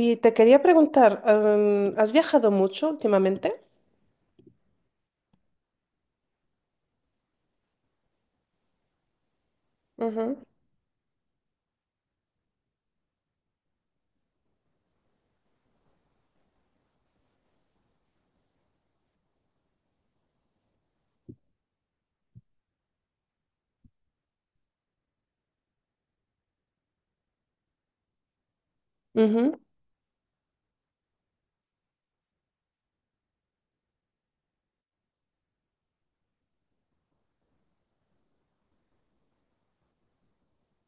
Y te quería preguntar, ¿has viajado mucho últimamente? Ujú, ujú,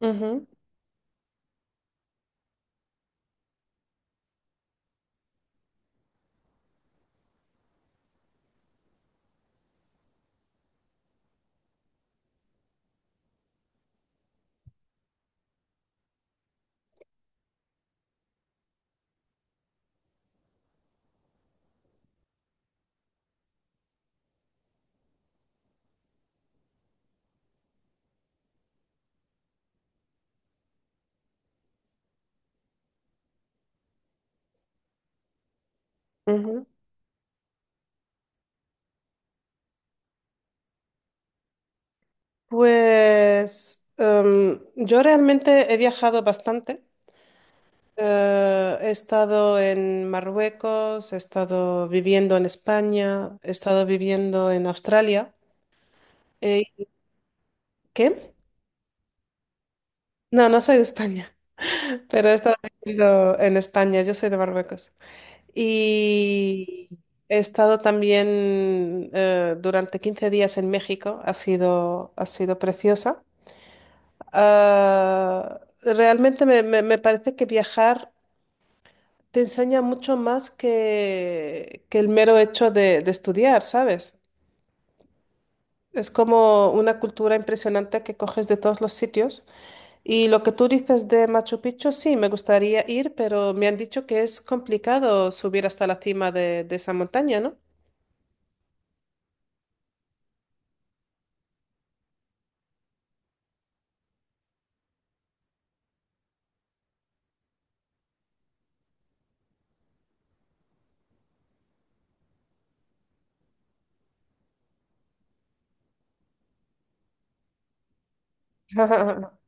ujú, ujú. Pues yo realmente he viajado bastante. He estado en Marruecos, he estado viviendo en España, he estado viviendo en Australia. Eh, ¿Qué? No, no soy de España, pero he estado viviendo en España, yo soy de Marruecos. Y he estado también durante 15 días en México, ha sido preciosa. Ah, realmente me parece que viajar te enseña mucho más que el mero hecho de estudiar, ¿sabes? Es como una cultura impresionante que coges de todos los sitios. Y lo que tú dices de Machu Picchu, sí, me gustaría ir, pero me han dicho que es complicado subir hasta la cima de esa montaña, ¿no?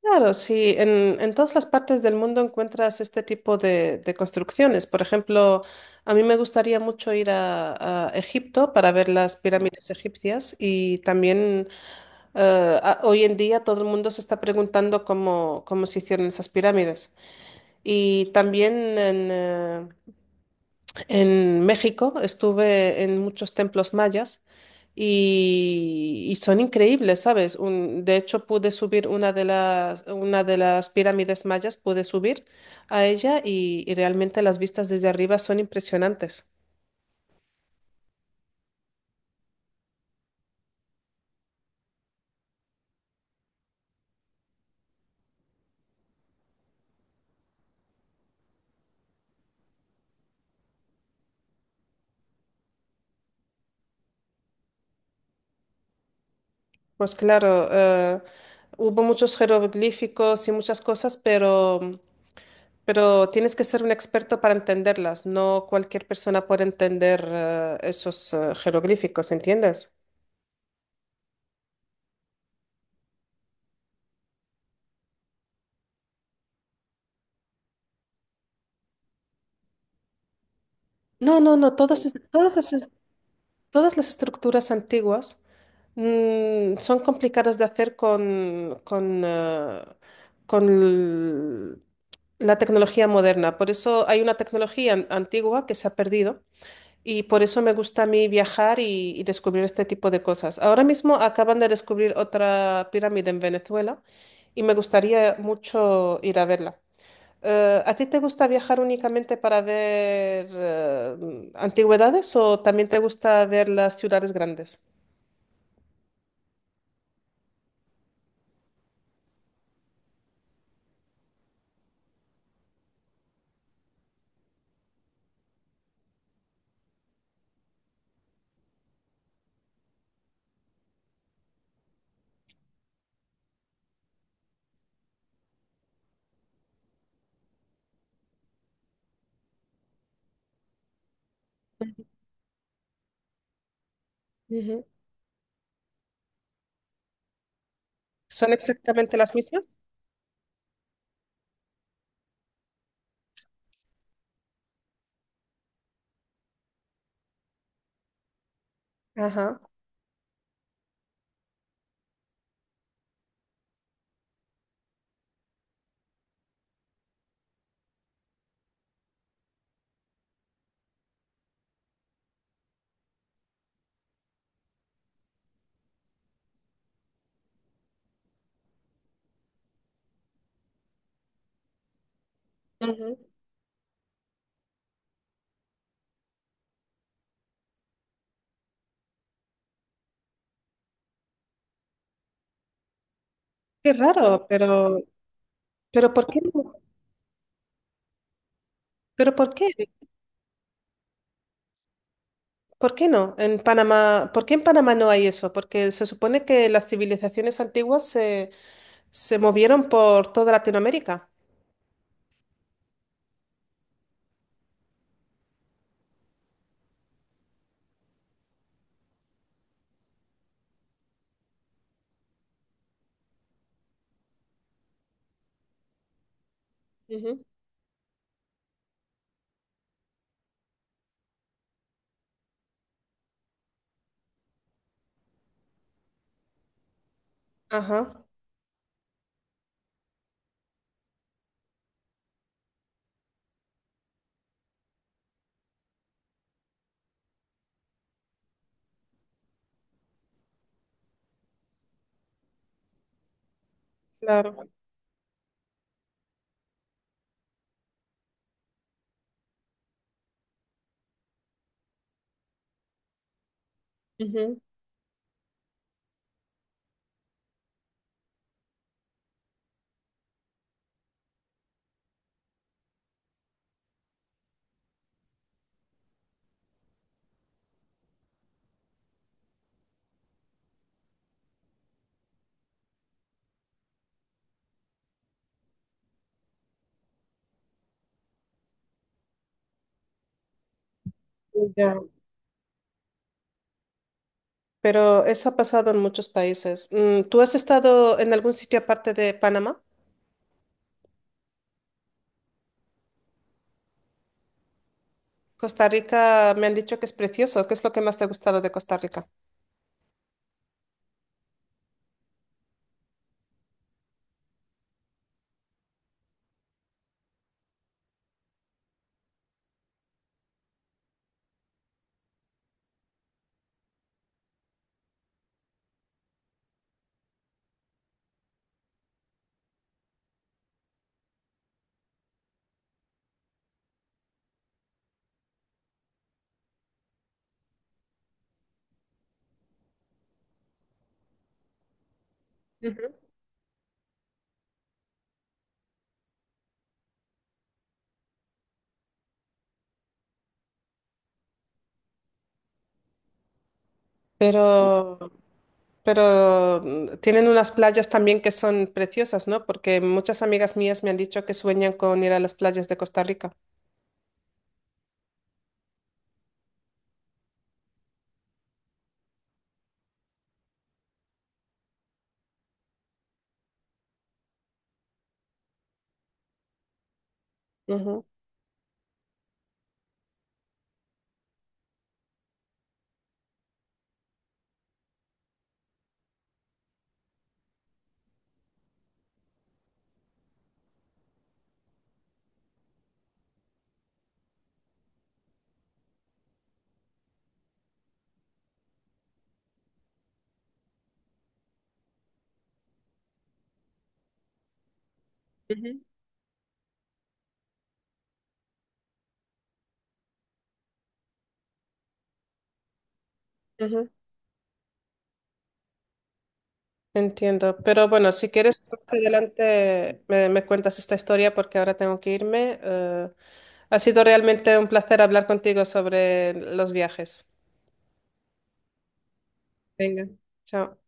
Claro, sí, en todas las partes del mundo encuentras este tipo de construcciones. Por ejemplo, a mí me gustaría mucho ir a Egipto para ver las pirámides egipcias y también hoy en día todo el mundo se está preguntando cómo se hicieron esas pirámides. Y también en, eh, en México estuve en muchos templos mayas y son increíbles, ¿sabes? Un- de hecho, pude subir una de una de las pirámides mayas, pude subir a ella y realmente las vistas desde arriba son impresionantes. Pues claro, hubo muchos jeroglíficos y muchas cosas, pero tienes que ser un experto para entenderlas. No cualquier persona puede entender, esos, jeroglíficos, ¿entiendes? No, no, no, todas, es- todas las estructuras antiguas mm, son complicadas de hacer con la tecnología moderna. Por eso hay una tecnología an- antigua que se ha perdido y por eso me gusta a mí viajar y descubrir este tipo de cosas. Ahora mismo acaban de descubrir otra pirámide en Venezuela y me gustaría mucho ir a verla. ¿A ti te gusta viajar únicamente para ver antigüedades o también te gusta ver las ciudades grandes? Ujú. ¿Son exactamente las mismas? Ajá. Ujú. Qué raro, pero, ¿pero por qué no? ¿Pero por qué? ¿Por qué no? En Panamá, ¿por qué en Panamá no hay eso? Porque se supone que las civilizaciones antiguas se movieron por toda Latinoamérica. Ujú. Ajá, claro. Ujú. Ya. Pero eso ha pasado en muchos países. Mm, ¿tú has estado en algún sitio aparte de Panamá? Costa Rica me han dicho que es precioso. ¿Qué es lo que más te ha gustado de Costa Rica? Ujú. Pero, pero mm, tienen unas playas también que son preciosas, ¿no? Porque muchas amigas mías me han dicho que sueñan con ir a las playas de Costa Rica. Ujú, ujú, ujú. Entiendo, pero bueno, si quieres más adelante me cuentas esta historia porque ahora tengo que irme. Ha sido realmente un placer hablar contigo sobre los viajes. Venga, chao.